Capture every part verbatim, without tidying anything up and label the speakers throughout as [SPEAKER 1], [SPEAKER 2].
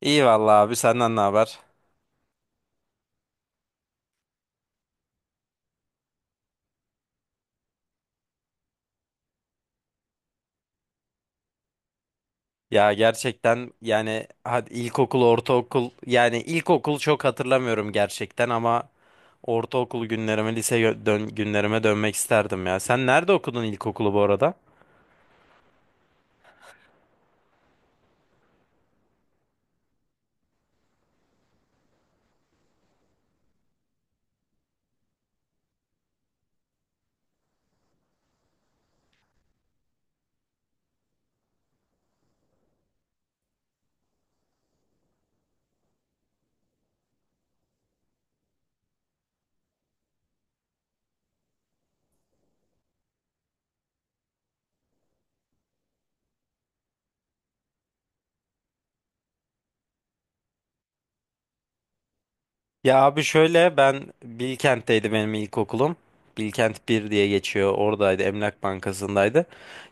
[SPEAKER 1] İyi vallahi abi senden ne haber? Ya gerçekten yani hadi ilkokul, ortaokul yani ilkokul çok hatırlamıyorum gerçekten ama ortaokul günlerime, lise gö- dön günlerime dönmek isterdim ya. Sen nerede okudun ilkokulu bu arada? Ya abi şöyle ben Bilkent'teydi benim ilkokulum. Bilkent bir diye geçiyor. Oradaydı. Emlak Bankası'ndaydı.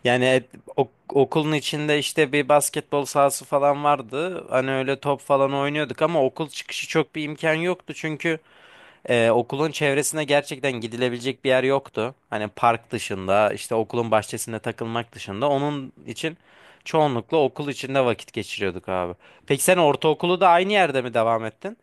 [SPEAKER 1] Yani et- ok- okulun içinde işte bir basketbol sahası falan vardı. Hani öyle top falan oynuyorduk ama okul çıkışı çok bir imkan yoktu çünkü. Ee, okulun çevresine gerçekten gidilebilecek bir yer yoktu. Hani park dışında, işte okulun bahçesinde takılmak dışında. Onun için çoğunlukla okul içinde vakit geçiriyorduk abi. Peki sen ortaokulu da aynı yerde mi devam ettin?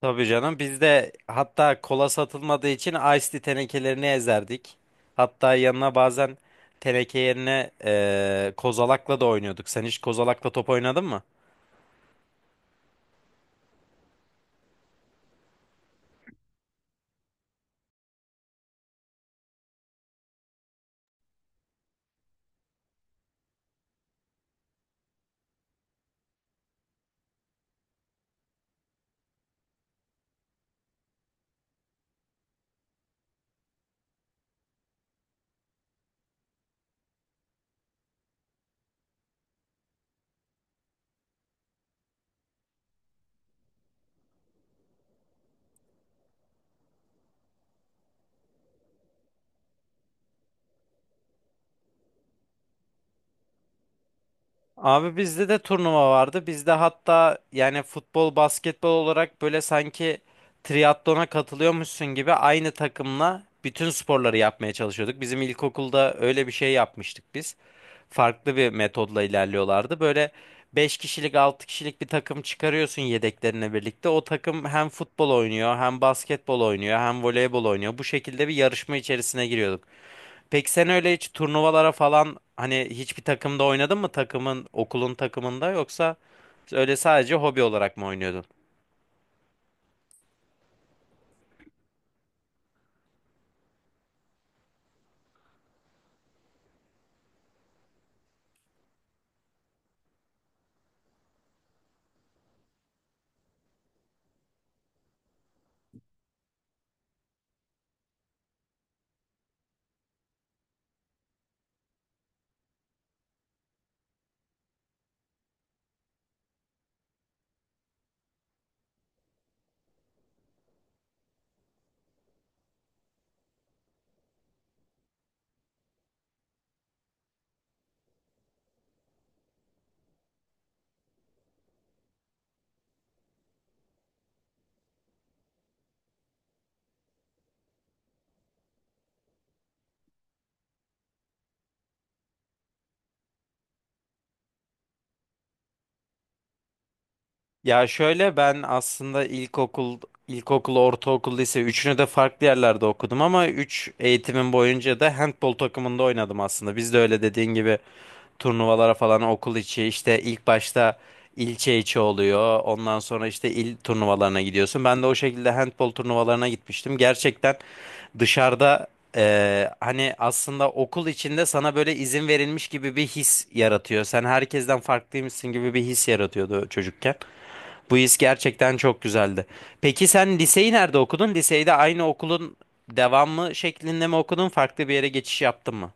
[SPEAKER 1] Tabii canım. Biz de hatta kola satılmadığı için Ice Tea tenekelerini ezerdik. Hatta yanına bazen teneke yerine eee, kozalakla da oynuyorduk. Sen hiç kozalakla top oynadın mı? Abi bizde de turnuva vardı. Bizde hatta yani futbol, basketbol olarak böyle sanki triatlona katılıyormuşsun gibi aynı takımla bütün sporları yapmaya çalışıyorduk. Bizim ilkokulda öyle bir şey yapmıştık biz. Farklı bir metodla ilerliyorlardı. Böyle beş kişilik, altı kişilik bir takım çıkarıyorsun yedeklerine birlikte. O takım hem futbol oynuyor, hem basketbol oynuyor, hem voleybol oynuyor. Bu şekilde bir yarışma içerisine giriyordu. Peki sen öyle hiç turnuvalara falan hani hiçbir takımda oynadın mı takımın okulun takımında yoksa öyle sadece hobi olarak mı oynuyordun? Ya şöyle ben aslında ilkokul, ilkokul, ortaokul, lise üçünü de farklı yerlerde okudum ama üç eğitimim boyunca da handbol takımında oynadım aslında. Biz de öyle dediğin gibi turnuvalara falan okul içi işte ilk başta ilçe içi oluyor. Ondan sonra işte il turnuvalarına gidiyorsun. Ben de o şekilde handbol turnuvalarına gitmiştim. Gerçekten dışarıda eee, hani aslında okul içinde sana böyle izin verilmiş gibi bir his yaratıyor. Sen herkesten farklıymışsın gibi bir his yaratıyordu çocukken. Bu his gerçekten çok güzeldi. Peki sen liseyi nerede okudun? Liseyi de aynı okulun devamı şeklinde mi okudun? Farklı bir yere geçiş yaptın mı?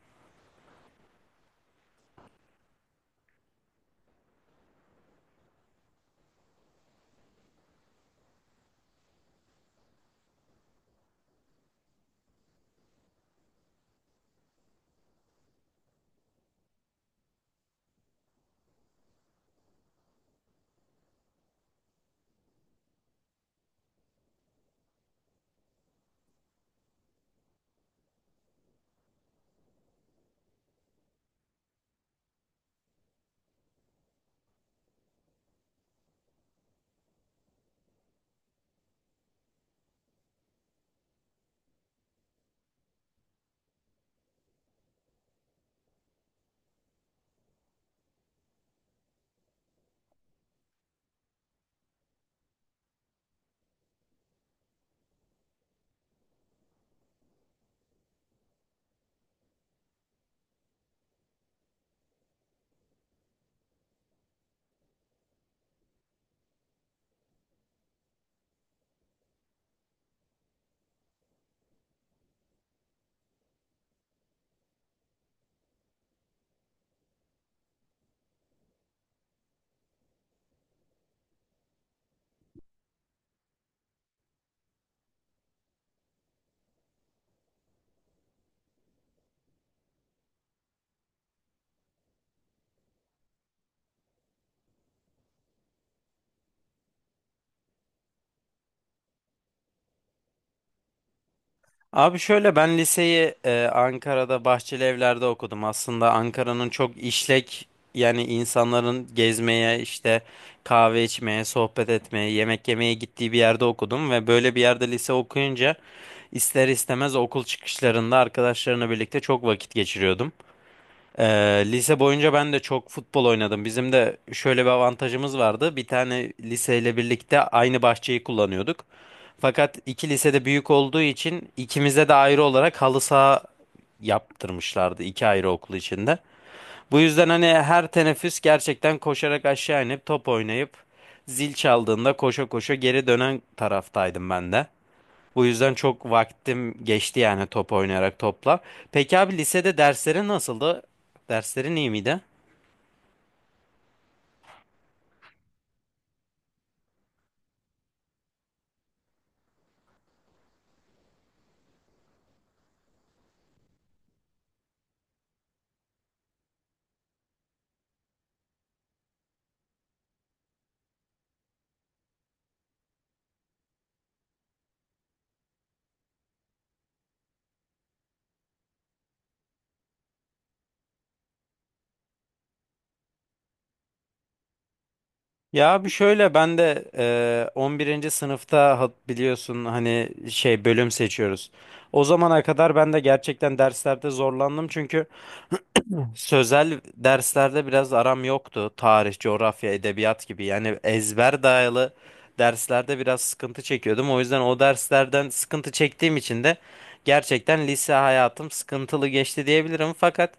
[SPEAKER 1] Abi şöyle ben liseyi e, Ankara'da Bahçeli Evler'de okudum. Aslında Ankara'nın çok işlek yani insanların gezmeye işte kahve içmeye, sohbet etmeye, yemek yemeye gittiği bir yerde okudum ve böyle bir yerde lise okuyunca ister istemez okul çıkışlarında arkadaşlarımla birlikte çok vakit geçiriyordum. Ee, Lise boyunca ben de çok futbol oynadım. Bizim de şöyle bir avantajımız vardı. Bir tane liseyle birlikte aynı bahçeyi kullanıyorduk. Fakat iki lisede büyük olduğu için ikimize de ayrı olarak halı saha yaptırmışlardı iki ayrı okul içinde. Bu yüzden hani her teneffüs gerçekten koşarak aşağı inip top oynayıp zil çaldığında koşa koşa geri dönen taraftaydım ben de. Bu yüzden çok vaktim geçti yani top oynayarak topla. Peki abi lisede derslerin nasıldı? Derslerin iyi miydi? Ya abi şöyle ben de eee, on birinci sınıfta ha- biliyorsun hani şey bölüm seçiyoruz. O zamana kadar ben de gerçekten derslerde zorlandım çünkü sözel derslerde biraz aram yoktu. Tarih, coğrafya, edebiyat gibi. Yani ezber dayalı derslerde biraz sıkıntı çekiyordum. O yüzden o derslerden sıkıntı çektiğim için de gerçekten lise hayatım sıkıntılı geçti diyebilirim. Fakat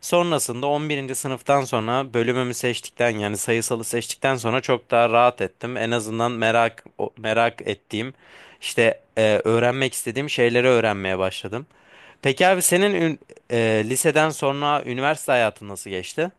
[SPEAKER 1] sonrasında on birinci sınıftan sonra bölümümü seçtikten yani sayısalı seçtikten sonra çok daha rahat ettim. En azından merak o- merak ettiğim işte e, öğrenmek istediğim şeyleri öğrenmeye başladım. Peki abi senin ee, liseden sonra üniversite hayatın nasıl geçti?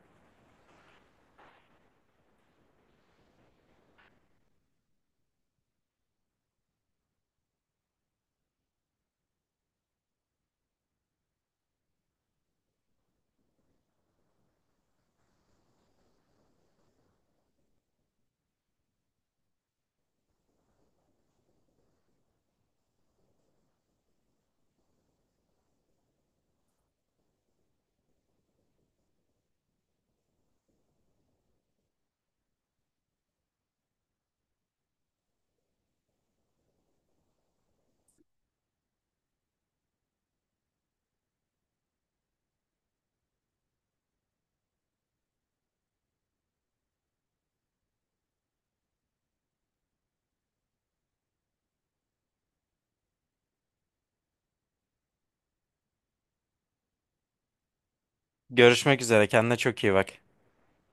[SPEAKER 1] Görüşmek üzere. Kendine çok iyi bak.